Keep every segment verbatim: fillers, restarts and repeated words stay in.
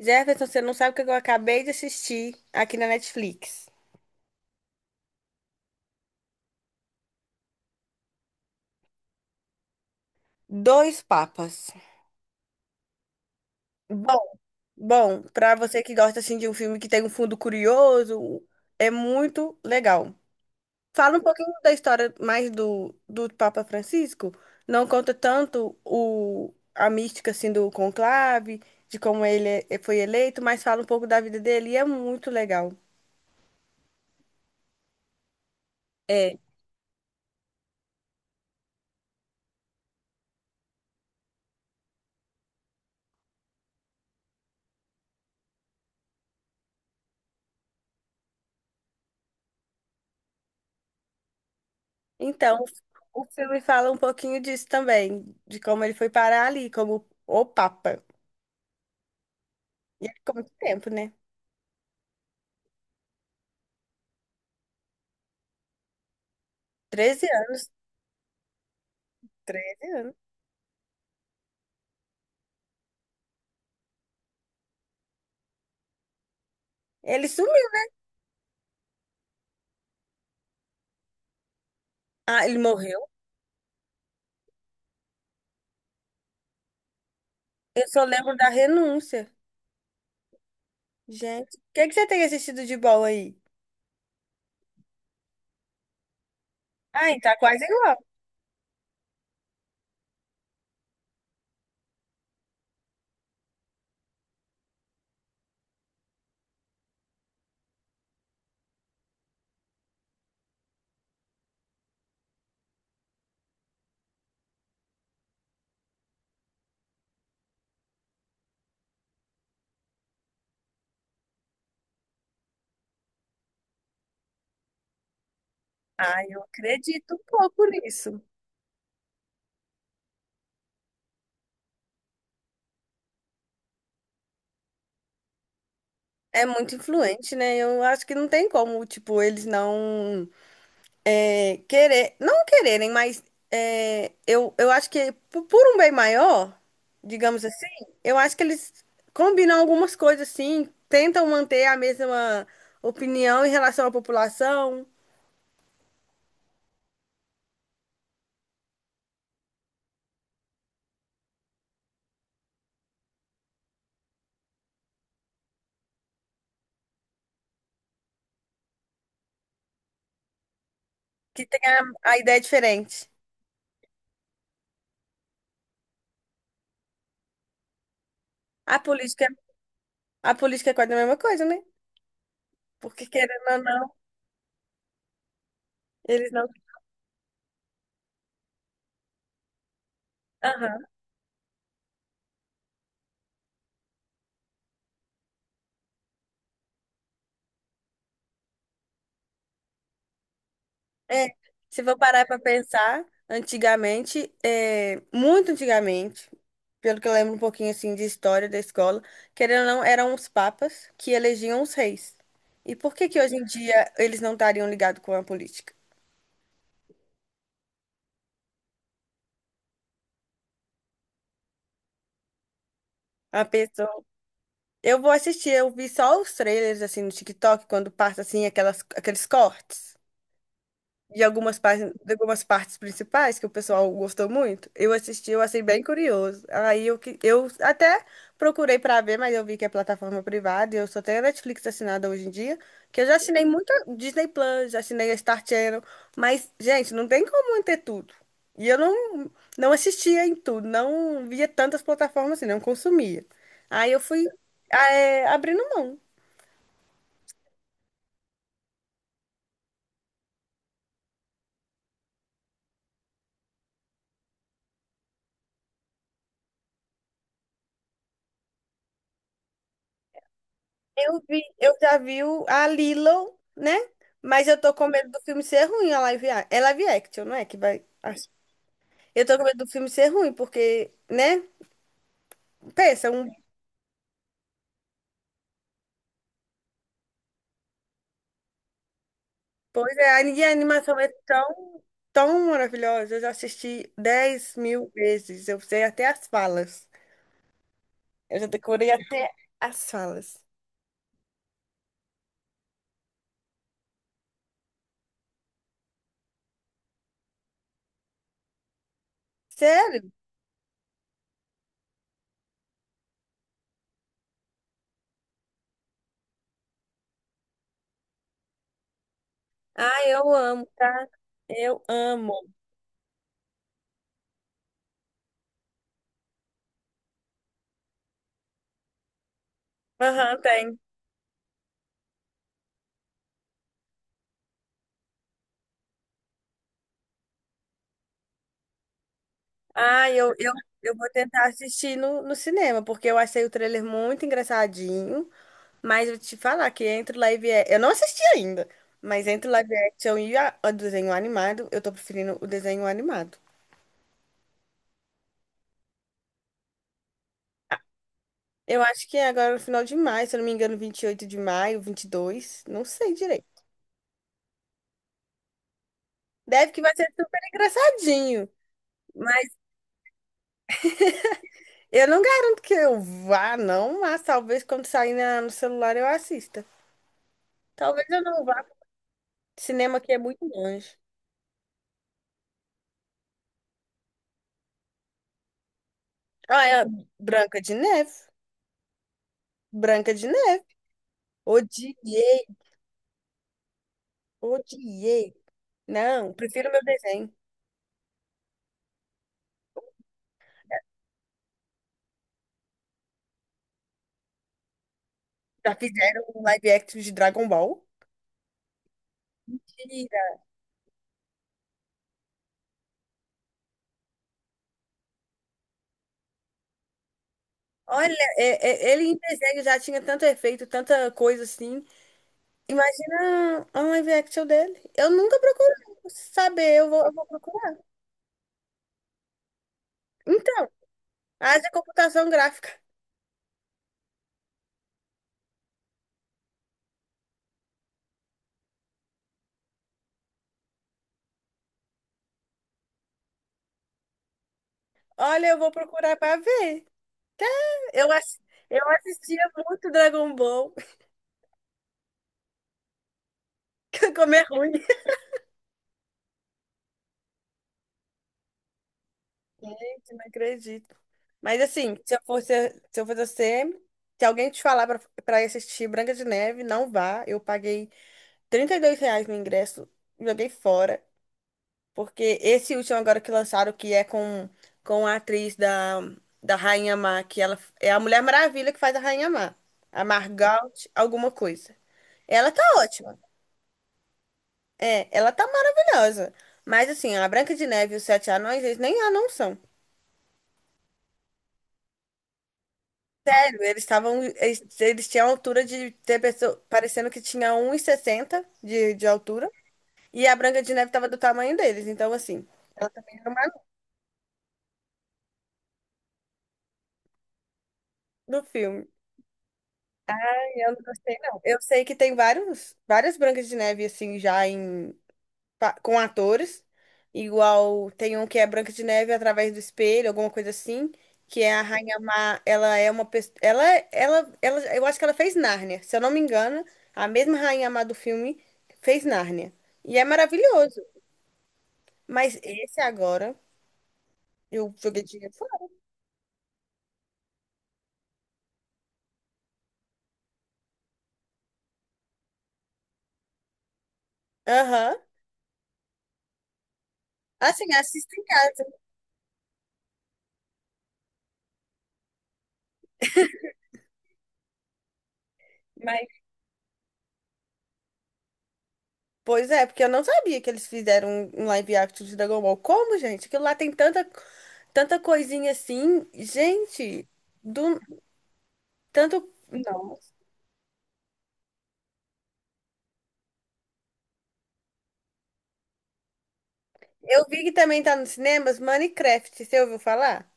Jefferson, você não sabe o que eu acabei de assistir aqui na Netflix. Dois Papas. Bom, bom, pra você que gosta assim de um filme que tem um fundo curioso, é muito legal. Fala um pouquinho da história mais do, do Papa Francisco. Não conta tanto o, a mística assim do conclave, de como ele é- foi eleito, mas fala um pouco da vida dele e é muito legal. É. Então, o filme fala um pouquinho disso também, de como ele foi parar ali, como o Papa. E ele ficou muito tempo, né? Treze anos. Treze anos. Ele sumiu. Ah, ele morreu? Eu só lembro da renúncia. Gente, o que que você tem assistido de bom aí? Ah, tá quase igual. Ah, eu acredito um pouco nisso. É muito influente, né? Eu acho que não tem como, tipo, eles não. É, querer, não quererem, mas é, eu, eu acho que po- por um bem maior, digamos assim, eu acho que eles combinam algumas coisas assim, tentam manter a mesma opinião em relação à população, que tem a, a ideia diferente. A política, a política é quase a mesma coisa, né? Porque querendo ou não, eles não. Aham. É, se for parar para pensar, antigamente, é, muito antigamente, pelo que eu lembro um pouquinho assim de história da escola, querendo ou não, eram os papas que elegiam os reis. E por que que hoje em dia eles não estariam ligados com a política? A pessoa. Eu vou assistir, eu vi só os trailers assim no TikTok, quando passa assim aquelas, aqueles cortes. De algumas, par- de algumas partes principais que o pessoal gostou muito. Eu assisti, eu achei bem curioso. Aí eu, que- eu até procurei pra ver, mas eu vi que é plataforma privada e eu só tenho a Netflix assinada hoje em dia, que eu já assinei muito Disney Plus, já assinei a Star Channel, mas, gente, não tem como manter tudo. E eu não, não assistia em tudo, não via tantas plataformas assim, não consumia. Aí eu fui, eh, abrindo mão. Eu vi, eu já vi o- a Lilo, né? Mas eu tô com medo do filme ser ruim, a live, a- é live action, não é? Que vai. Acho. Eu tô com medo do filme ser ruim, porque, né? Pensa, um, pois é, a minha animação é tão, tão maravilhosa. Eu já assisti dez mil vezes. Eu sei até as falas. Eu já decorei até as falas. Sério? Ah, eu amo, tá? Eu amo. Aham, tem. Ah, eu, eu, eu vou tentar assistir no, no cinema, porque eu achei o trailer muito engraçadinho. Mas eu te falar que entre o live action. Eu não assisti ainda, mas entre o live action e a- o desenho animado, eu tô preferindo o desenho animado. Eu acho que é agora no final de maio, se eu não me engano, vinte e oito de maio, vinte e dois, não sei direito. Deve que vai ser super engraçadinho. Mas eu não garanto que eu vá, não, mas talvez quando sair na- no celular eu assista. Talvez eu não vá. Cinema aqui é muito longe. Ah, é a Branca de Neve. Branca de Neve. Odiei, odiei. Não, prefiro meu desenho. Já fizeram um live action de Dragon Ball. Mentira. Olha, é- é- ele em desenho já tinha tanto efeito, tanta coisa assim. Imagina um live action dele. Eu nunca procurei saber, eu vou, eu vou procurar. Então, haja computação gráfica. Olha, eu vou procurar pra ver. Eu, ass- eu assistia muito Dragon Ball. Como é ruim. Eu não acredito. Mas assim, se eu fosse, se eu fosse você, se alguém te falar pra pra ir assistir Branca de Neve, não vá. Eu paguei trinta e dois reais no ingresso, joguei fora. Porque esse último agora que lançaram, que é com, com a atriz da, da Rainha Má, que ela é a Mulher Maravilha que faz a Rainha Má. A Margot, alguma coisa. Ela tá ótima. É, ela tá maravilhosa. Mas assim, a Branca de Neve e os Sete Anões, eles nem anão são. Eles estavam, eles, eles tinham a altura de ter pessoa, parecendo que tinha um e sessenta de, de altura, e a Branca de Neve estava do tamanho deles, então assim, ela também era uma do filme. Eu não gostei, não. Eu sei que tem vários, várias Brancas de Neve assim já em pa- com atores, igual tem um que é Branca de Neve através do espelho, alguma coisa assim, que é a Rainha Má, ela é uma pessoa, ela, ela, ela, eu acho que ela fez Nárnia, se eu não me engano, a mesma Rainha Má do filme fez Nárnia, e é maravilhoso, mas esse agora, eu joguei dinheiro fora. Aham, assim, assista em casa, mas... Pois é, porque eu não sabia que eles fizeram um um live action de Dragon Ball. Como, gente? Aquilo lá tem tanta, tanta coisinha assim. Gente, do Tanto. Não. Eu vi que também tá nos cinemas Minecraft, você ouviu falar?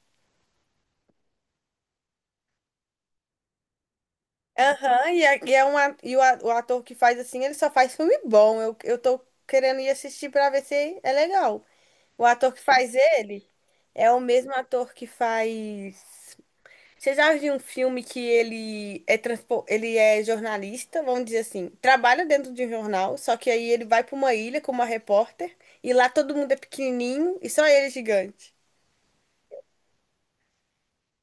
Aham, e, é, e, é um, a- e o, a- o ator que faz assim, ele só faz filme bom. Eu, eu tô querendo ir assistir pra ver se é legal. O ator que faz ele é o mesmo ator que faz. Você já viu um filme que ele é, transpo... ele é jornalista, vamos dizer assim, trabalha dentro de um jornal, só que aí ele vai pra uma ilha com uma repórter, e lá todo mundo é pequenininho e só ele é gigante.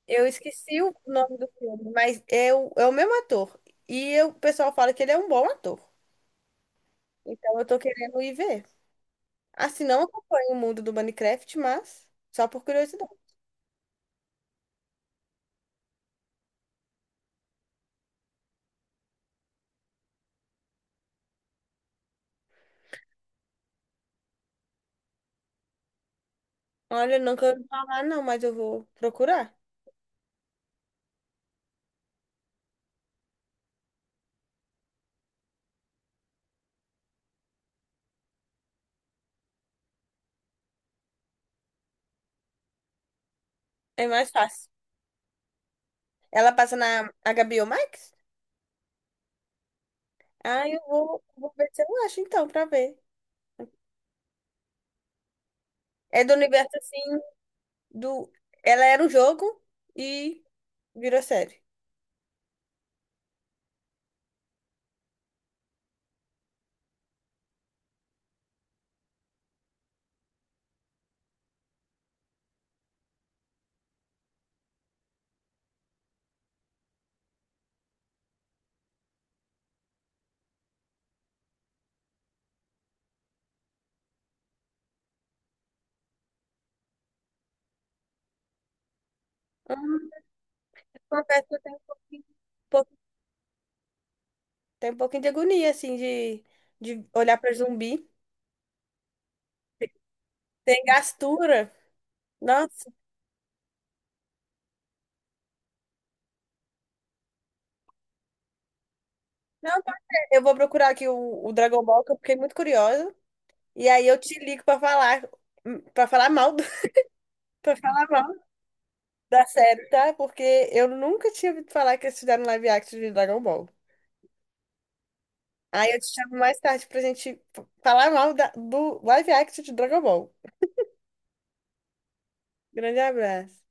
Eu esqueci o nome do filme, mas é o, é o mesmo ator. E eu- o pessoal fala que ele é um bom ator. Então eu tô querendo ir ver. Assim, não acompanho o mundo do Minecraft, mas só por curiosidade. Olha, nunca ouvi falar, não, mas eu vou procurar. É mais fácil. Ela passa na H B O Max? Ah, eu vou, vou ver se eu acho então, pra ver. É do universo assim, do. Ela era um jogo e virou série. Hum, confesso que eu tenho um pouquinho. Tem um pouquinho de agonia, assim, de, de olhar pra zumbi. Tem gastura. Nossa. Não, pode ser. Eu vou procurar aqui o, o Dragon Ball, que eu fiquei muito curiosa. E aí eu te ligo pra falar. hum, Pra falar mal do, pra falar mal da série, tá? Porque eu nunca tinha ouvido falar que eles fizeram live action de Dragon Ball. Aí eu te chamo mais tarde pra gente f- falar mal da- do live action de Dragon Ball. Grande abraço.